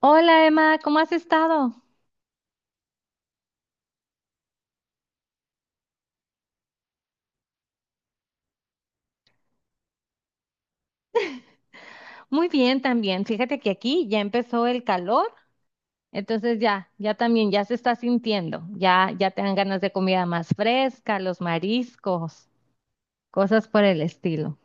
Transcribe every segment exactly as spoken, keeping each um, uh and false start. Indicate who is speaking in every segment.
Speaker 1: Hola Emma, ¿cómo has estado? Muy bien también. Fíjate que aquí ya empezó el calor, entonces ya, ya también, ya se está sintiendo. Ya, ya te dan ganas de comida más fresca, los mariscos, cosas por el estilo.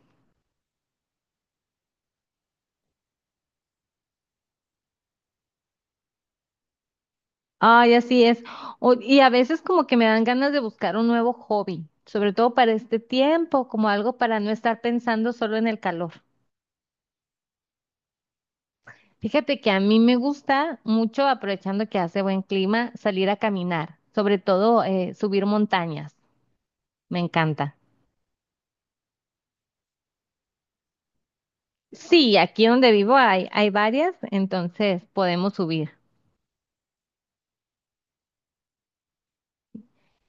Speaker 1: Ay, así es. O- y a veces como que me dan ganas de buscar un nuevo hobby, sobre todo para este tiempo, como algo para no estar pensando solo en el calor. Fíjate que a mí me gusta mucho, aprovechando que hace buen clima, salir a caminar, sobre todo eh, subir montañas. Me encanta. Sí, aquí donde vivo hay, hay varias, entonces podemos subir.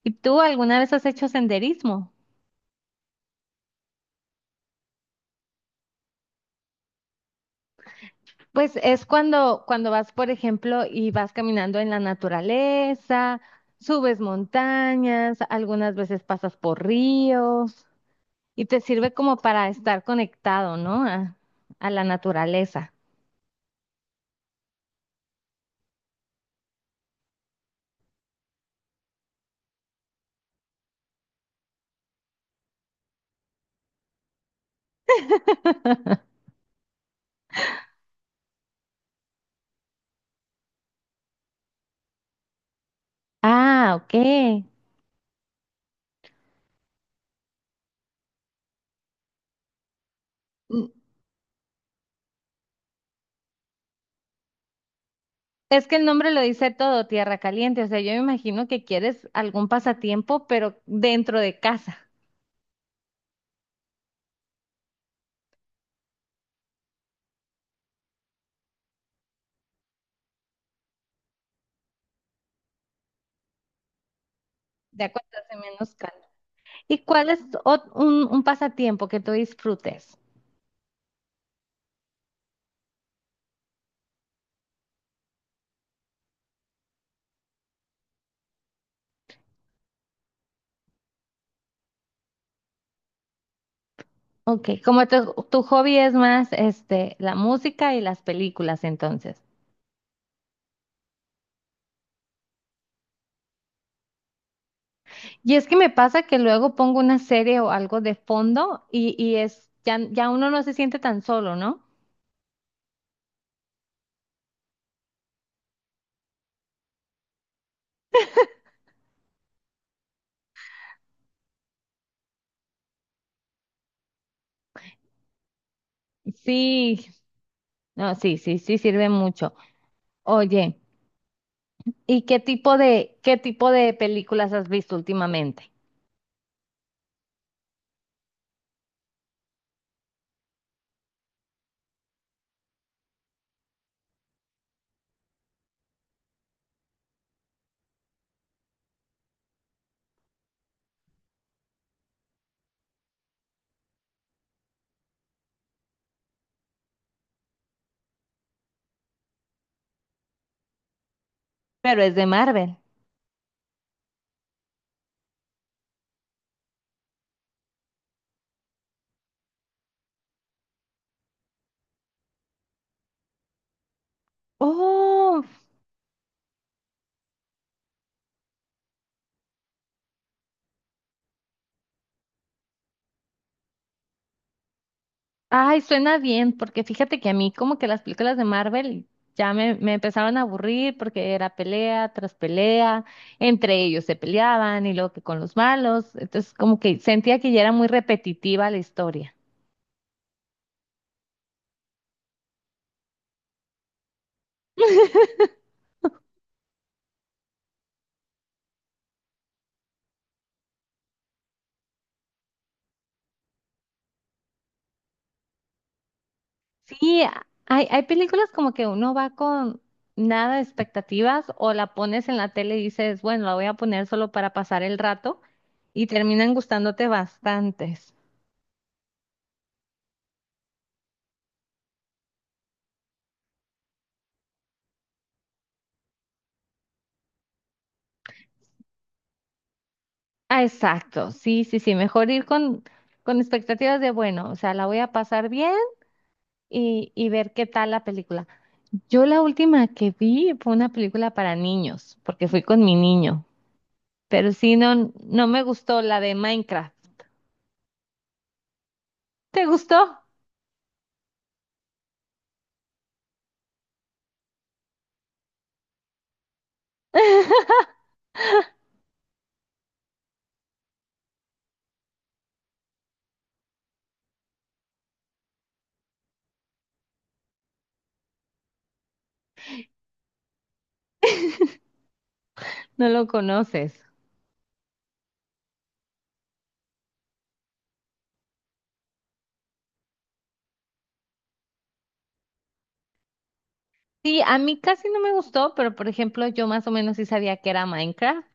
Speaker 1: ¿Y tú alguna vez has hecho senderismo? Pues es cuando, cuando vas, por ejemplo, y vas caminando en la naturaleza, subes montañas, algunas veces pasas por ríos y te sirve como para estar conectado, ¿no? A, a la naturaleza. Ah, ok. N- Es que el nombre lo dice todo, tierra caliente. O sea, yo me imagino que quieres algún pasatiempo, pero dentro de casa, de acuérdate menos calor. ¿Y cuál es ot- un, un pasatiempo que tú disfrutes? Ok, como tu, tu hobby es más este, la música y las películas, entonces. Y es que me pasa que luego pongo una serie o algo de fondo y, y es, ya, ya uno no se siente tan solo, ¿no? Sí, no, sí, sí, sí sirve mucho. Oye. ¿Y qué tipo de, qué tipo de películas has visto últimamente? Pero es de Marvel. Oh, ay, suena bien, porque fíjate que a mí como que las películas de Marvel ya me, me empezaron a aburrir porque era pelea tras pelea, entre ellos se peleaban y luego que con los malos, entonces como que sentía que ya era muy repetitiva la historia. Sí, a- hay, hay películas como que uno va con nada de expectativas o la pones en la tele y dices, bueno, la voy a poner solo para pasar el rato y terminan gustándote bastantes. Ah, exacto, sí, sí, sí, mejor ir con, con expectativas de, bueno, o sea, la voy a pasar bien y, y ver qué tal la película. Yo la última que vi fue una película para niños, porque fui con mi niño, pero sí, no, no me gustó la de Minecraft. ¿Te gustó? No lo conoces. Sí, a mí casi no me gustó, pero por ejemplo, yo más o menos sí sabía que era Minecraft.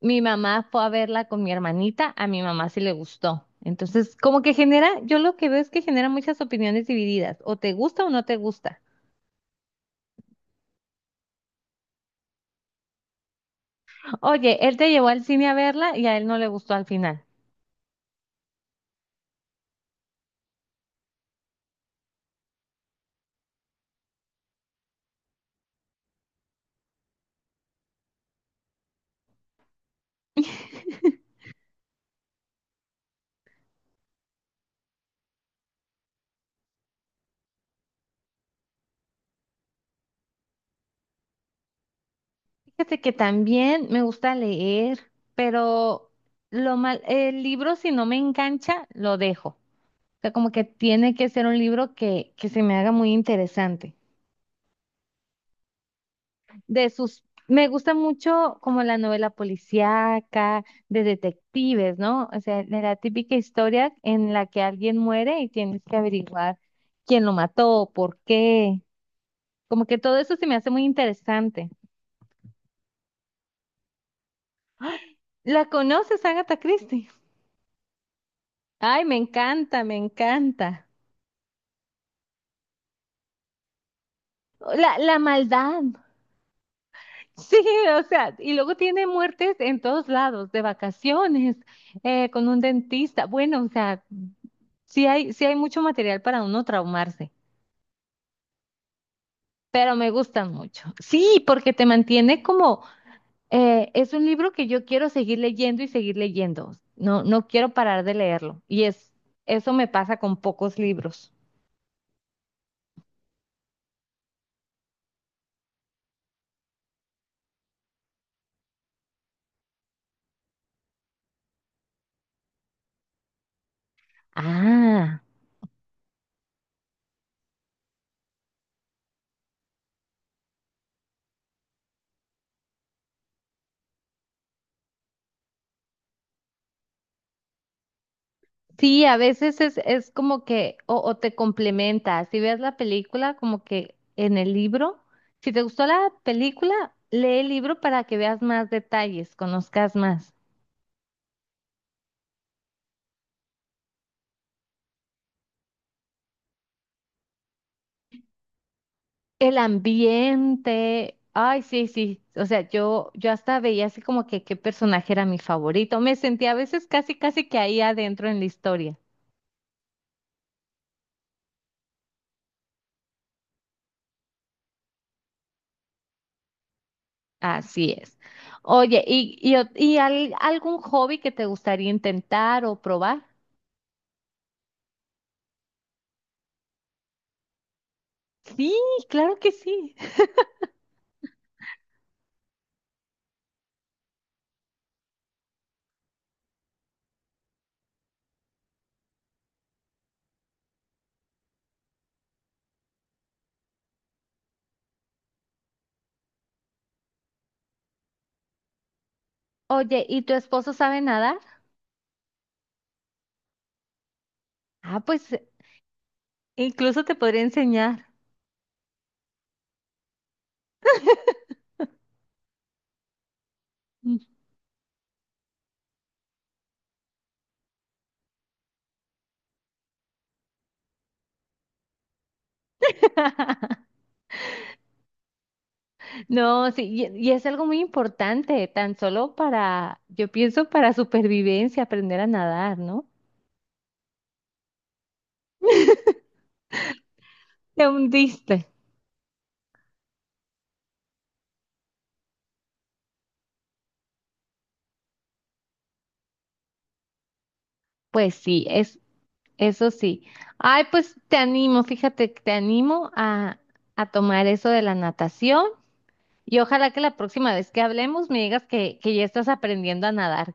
Speaker 1: Mi mamá fue a verla con mi hermanita, a mi mamá sí le gustó. Entonces, como que genera, yo lo que veo es que genera muchas opiniones divididas, o te gusta o no te gusta. Oye, él te llevó al cine a verla y a él no le gustó al final. Fíjate que también me gusta leer, pero lo mal, el libro si no me engancha, lo dejo. O sea, como que tiene que ser un libro que, que se me haga muy interesante. De sus, me gusta mucho como la novela policíaca, de detectives, ¿no? O sea, de la típica historia en la que alguien muere y tienes que averiguar quién lo mató, por qué. Como que todo eso se me hace muy interesante. ¿La conoces, Agatha Christie? Ay, me encanta, me encanta. La, la maldad. Sí, o sea, y luego tiene muertes en todos lados, de vacaciones, eh, con un dentista. Bueno, o sea, sí hay, sí hay mucho material para uno traumarse, pero me gustan mucho. Sí, porque te mantiene como, eh, es un libro que yo quiero seguir leyendo y seguir leyendo. No, no quiero parar de leerlo. Y es, eso me pasa con pocos libros. Ah, sí, a veces es, es como que, o, o te complementa. Si ves la película, como que en el libro, si te gustó la película, lee el libro para que veas más detalles, conozcas más. El ambiente, ay, sí, sí, o sea, yo, yo hasta veía así como que qué personaje era mi favorito, me sentía a veces casi, casi que ahí adentro en la historia, así es. Oye, ¿y, y, o- y al- algún hobby que te gustaría intentar o probar? Sí, claro que sí. Oye, ¿y tu esposo sabe nadar? Ah, pues incluso te podría enseñar. No, sí, y, y es algo muy importante, tan solo para, yo pienso para supervivencia, aprender a nadar, ¿no? Te hundiste. Pues sí, es, eso sí. Ay, pues te animo, fíjate, que te animo a, a tomar eso de la natación y ojalá que la próxima vez que hablemos me digas que, que ya estás aprendiendo a nadar.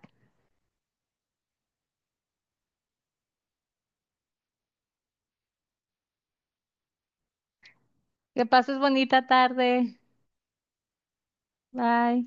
Speaker 1: Que pases bonita tarde. Bye.